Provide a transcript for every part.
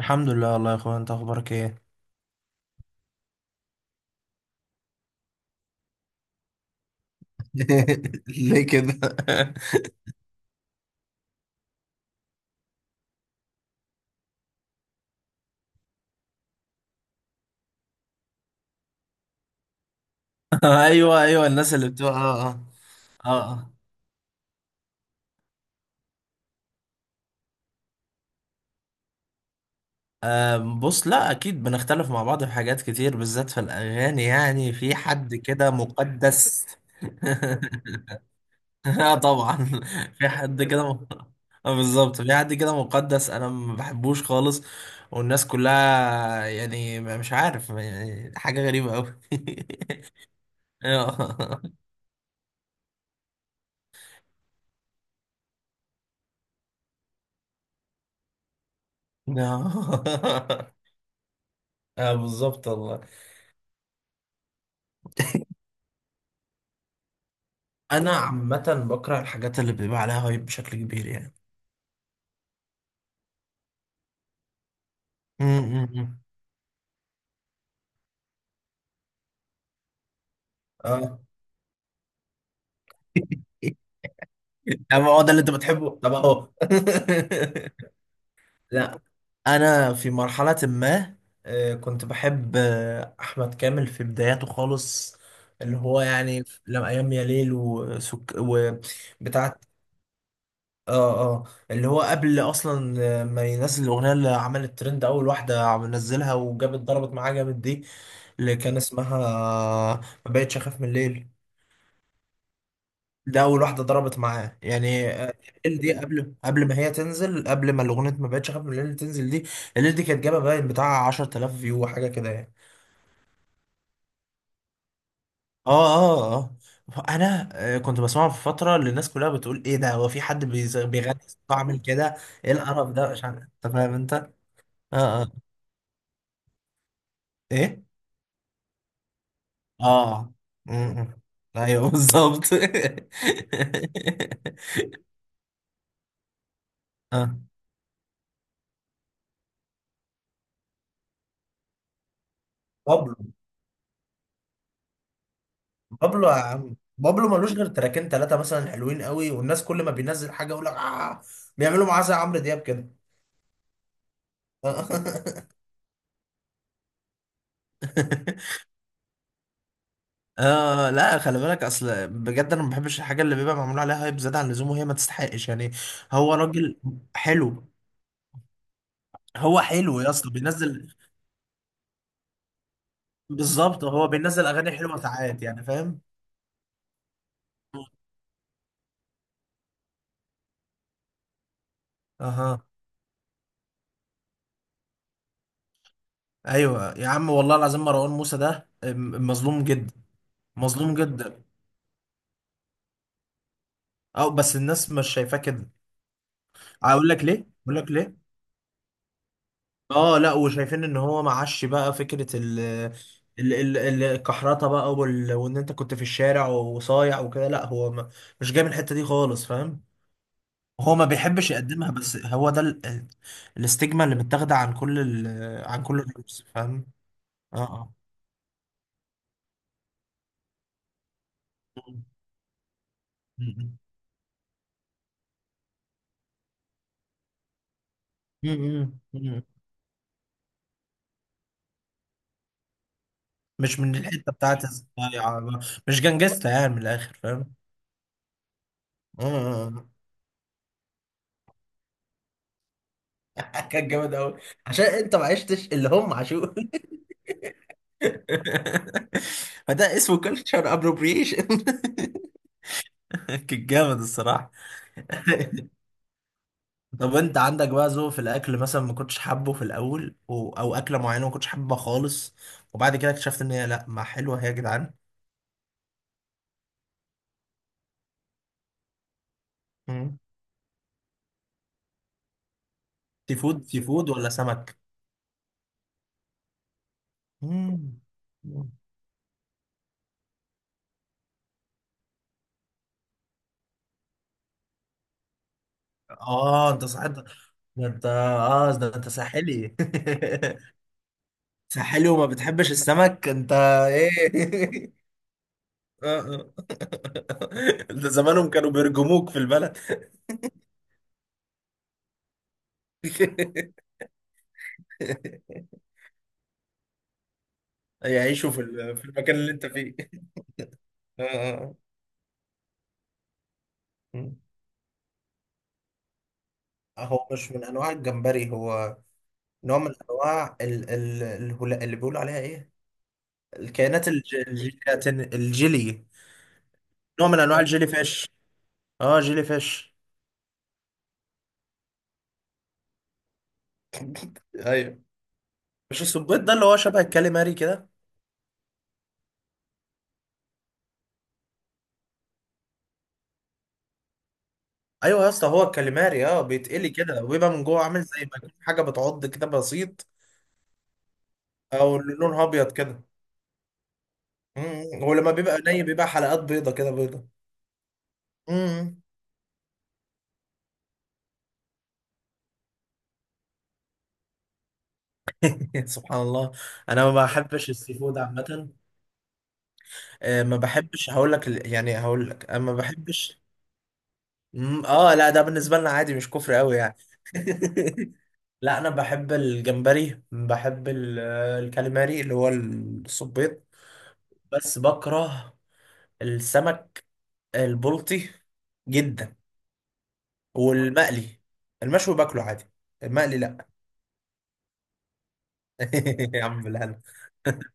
الحمد لله والله يا اخويا، انت اخبارك ايه؟ ليه كده؟ ايوه ايوه، الناس اللي بتوع اه اه. بص، لا اكيد بنختلف مع بعض في حاجات كتير، بالذات في الاغاني. يعني في حد كده مقدس. اه طبعا. في حد كده آه بالظبط، في حد كده مقدس انا ما بحبوش خالص. والناس كلها يعني مش عارف، يعني حاجة غريبة قوي. اه. اه بالظبط والله. انا عامه بكره الحاجات اللي بيبقى عليها هايب بشكل كبير يعني. امم. اه. اما هو ده اللي انت بتحبه، طب اهو. لا انا في مرحله ما، كنت بحب احمد كامل في بداياته خالص. اللي هو يعني لما ايام يا ليل وبتاعه. اه اللي هو قبل اصلا ما ينزل الاغنيه اللي عملت ترند، اول واحده نزلها وجابت ضربت معاه جامد دي، اللي كان اسمها ما بقتش اخاف من الليل. ده اول واحده ضربت معاه يعني، الليل دي، قبل ما هي تنزل، قبل ما الاغنيه ما بقتش اخاف من الليل تنزل دي. الليل دي كانت جابه باين بتاع 10,000 فيو وحاجه كده يعني. اه انا كنت بسمعه في فتره اللي الناس كلها بتقول ايه ده، هو في حد بيغني صوته عامل كده، ايه القرف ده، مش عارف، انت فاهم انت. اه اه. ايه. اه. امم. ايوه بالظبط. اه. بابلو. بابلو يا عم، بابلو ملوش غير تراكين ثلاثة مثلا حلوين قوي، والناس كل ما بينزل حاجة يقول لك آه، بيعملوا معاه زي عمرو دياب كده. اه لا، خلي بالك، اصل بجد انا ما بحبش الحاجه اللي بيبقى معمول عليها هايب زياده عن اللزوم وهي ما تستحقش يعني. هو راجل حلو. هو حلو يا اسطى، بينزل. بالظبط، هو بينزل اغاني حلوه ساعات يعني، فاهم. اها. ايوه يا عم، والله العظيم مروان موسى ده مظلوم جدا. مظلوم جدا. اه بس الناس مش شايفاه كده. اقول لك ليه، اقول لك ليه. اه لا، وشايفين ان هو معاش بقى فكره ال- ال- الكحرطه بقى وال... وان انت كنت في الشارع وصايع وكده، لا هو ما... مش جاي من الحته دي خالص، فاهم. هو ما بيحبش يقدمها، بس هو ده الاستجمة اللي متاخده عن كل ال... عن كل الرقص، فاهم. اه م- م- م- م- م- مش من الحته بتاعت الصياعه. مش جنجستا يعني، من الاخر، فاهم. مم. كان جامد قوي. عشان انت ما عشتش اللي هم عاشوه. فده اسمه كلتشر ابروبريشن. كان جامد الصراحه. طب انت عندك بقى ذوق في الاكل مثلا ما كنتش حابه في الاول و... او اكله معينه ما كنتش حابها خالص وبعد كده اكتشفت ان هي لا ما حلوه هي يا جدعان؟ مم. سي فود سي فود ولا سمك؟ مم. اه انت صحيت ده، انت اه ده انت ساحلي. ساحلي وما بتحبش السمك انت؟ ايه؟ آه، آه. ده زمانهم كانوا بيرجموك في البلد. يعيشوا في في المكان اللي انت فيه. آه، آه. اه. هو مش من انواع الجمبري، هو نوع من انواع ال ال اللي بيقولوا عليها ايه، الكائنات الجيلاتين، الجيلي. نوع من انواع الجيلي فيش. اه جيلي فيش. ايوه. مش السبيط ده اللي هو شبه الكاليماري كده؟ ايوه يا اسطى، هو الكاليماري. اه بيتقلي كده وبيبقى من جوه عامل زي ما يكون حاجه بتعض كده بسيط. او اللي لونها ابيض كده. امم. هو لما بيبقى ني بيبقى حلقات بيضه كده، بيضه. امم. سبحان الله. انا ما بحبش السي فود عامه. ما بحبش، هقول لك يعني هقول لك، انا ما بحبش. اه لا ده بالنسبه لنا عادي، مش كفر قوي يعني. لا انا بحب الجمبري، بحب الكاليماري اللي هو السبيط. بس بكره السمك. البلطي جدا. والمقلي. المشوي باكله عادي، المقلي لا. يا عم بالهنا.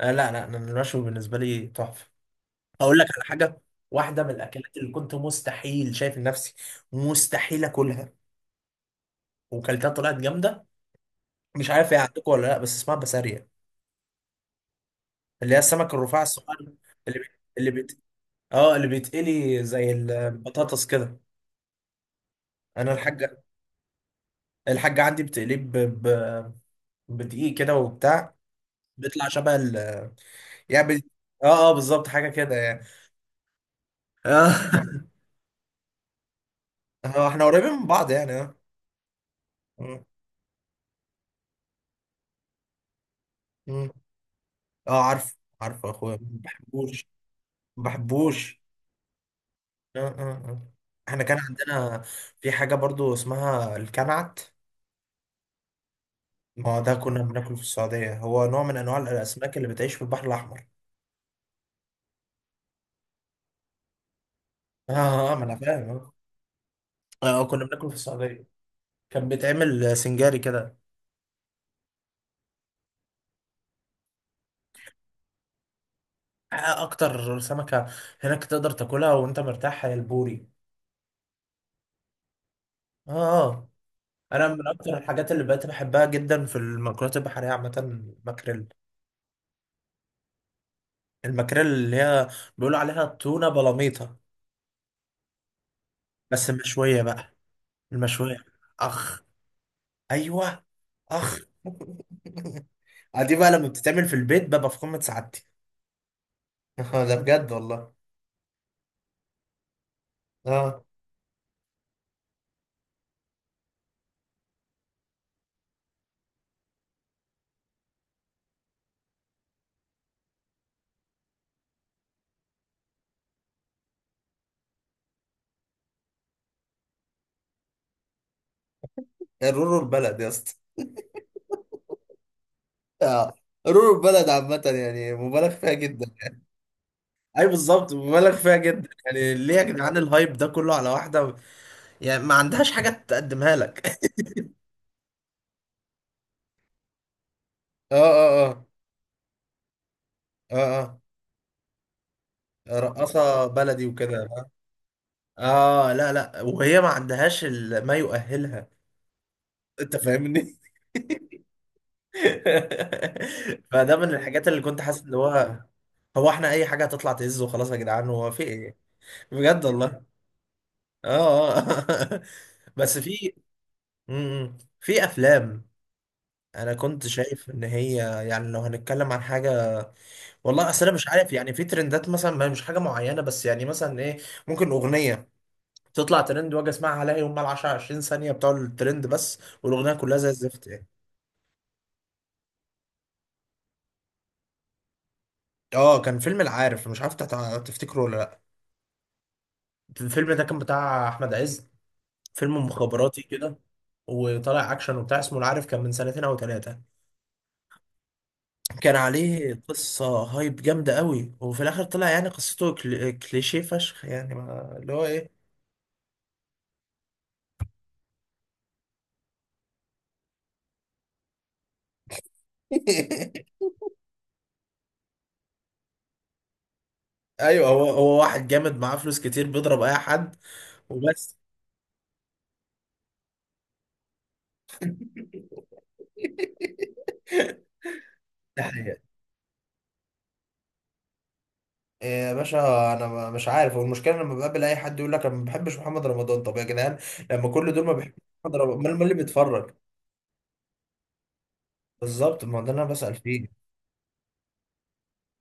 لا لا، أنا المشوي بالنسبه لي تحفه. اقول لك على حاجه، واحده من الاكلات اللي كنت مستحيل شايف نفسي مستحيل اكلها وكلتها طلعت جامده. مش عارف هي عندكم ولا لا، بس اسمها بسارية، اللي هي السمك الرفاع الصغير، اللي بي... اللي بيت... اه اللي بيتقلي زي البطاطس كده. انا الحاجه، الحاجه عندي بتقليه ب... بدقيق كده وبتاع، بيطلع شبه ال، يعني اه بالظبط حاجه كده يعني. اه. احنا قريبين من بعض يعني، اه. مم. مم. اه عارف عارف يا اخويا، ما بحبوش. ما بحبوش. اه اه اه احنا كان عندنا في حاجه برضو اسمها الكنعت. ما هو ده كنا بناكله في السعوديه، هو نوع من انواع الاسماك اللي بتعيش في البحر الاحمر. اه ما انا فاهم، اه. كنا بناكله في السعوديه، كان بيتعمل سنجاري كده. اكتر سمكه هناك تقدر تاكلها وانت مرتاح هي البوري. اه آه. انا من اكتر الحاجات اللي بقيت بحبها جدا في المأكولات البحريه عامه الماكريل. الماكريل اللي هي بيقولوا عليها تونه بلاميطه، بس مشويه بقى. المشويه. اخ. ايوه. اخ. دي بقى لما بتتعمل في البيت ببقى في قمه سعادتي. ده بجد والله. اه. رورو البلد يا اسطى. اه، رور البلد عامة يعني مبالغ فيها جدا. اي بالظبط، مبالغ فيها جدا. يعني ليه يا جدعان الهايب ده كله على واحده يعني ما عندهاش حاجه تقدمها لك؟ اه اه اه اه اه رقاصة بلدي وكده. اه لا لا، وهي ما عندهاش ما يؤهلها. انت فاهمني. فده من الحاجات اللي كنت حاسس ان هو، هو احنا اي حاجة هتطلع تهز وخلاص يا جدعان، هو في ايه؟ بجد والله. اه بس في، مم. في افلام، انا كنت شايف ان هي، يعني لو هنتكلم عن حاجة. والله اصل انا مش عارف، يعني في ترندات مثلا ما هي مش حاجة معينة بس، يعني مثلا ايه، ممكن اغنية تطلع ترند واجي اسمعها الاقي هم ال 10 20 ثانيه بتوع الترند بس والاغنيه كلها زي الزفت يعني. اه كان فيلم العارف، مش عارف تفتكره ولا لا. الفيلم ده كان بتاع احمد عز، فيلم مخابراتي كده وطالع اكشن وبتاع اسمه العارف، كان من سنتين او ثلاثه. كان عليه قصه هايب جامده قوي وفي الاخر طلع يعني قصته كليشيه فشخ يعني، ما... اللي هو ايه. ايوه، هو هو واحد جامد معاه فلوس كتير بيضرب اي حد وبس ده. إيه يا باشا. انا مش عارف، والمشكله لما بقابل اي حد يقول لك انا ما بحبش محمد رمضان، طب يا جدعان لما كل دول ما بيحبوا محمد رمضان، امال مين اللي بيتفرج؟ بالظبط، ما ده اللي انا بسال فيه.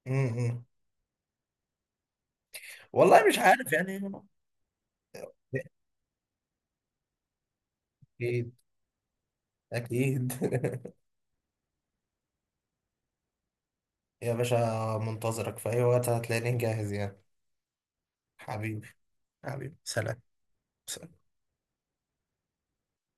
امم. والله مش عارف يعني. اكيد. اكيد. يا باشا، منتظرك في اي وقت، هتلاقيني جاهز يعني. حبيبي. حبيبي سلام. سلام.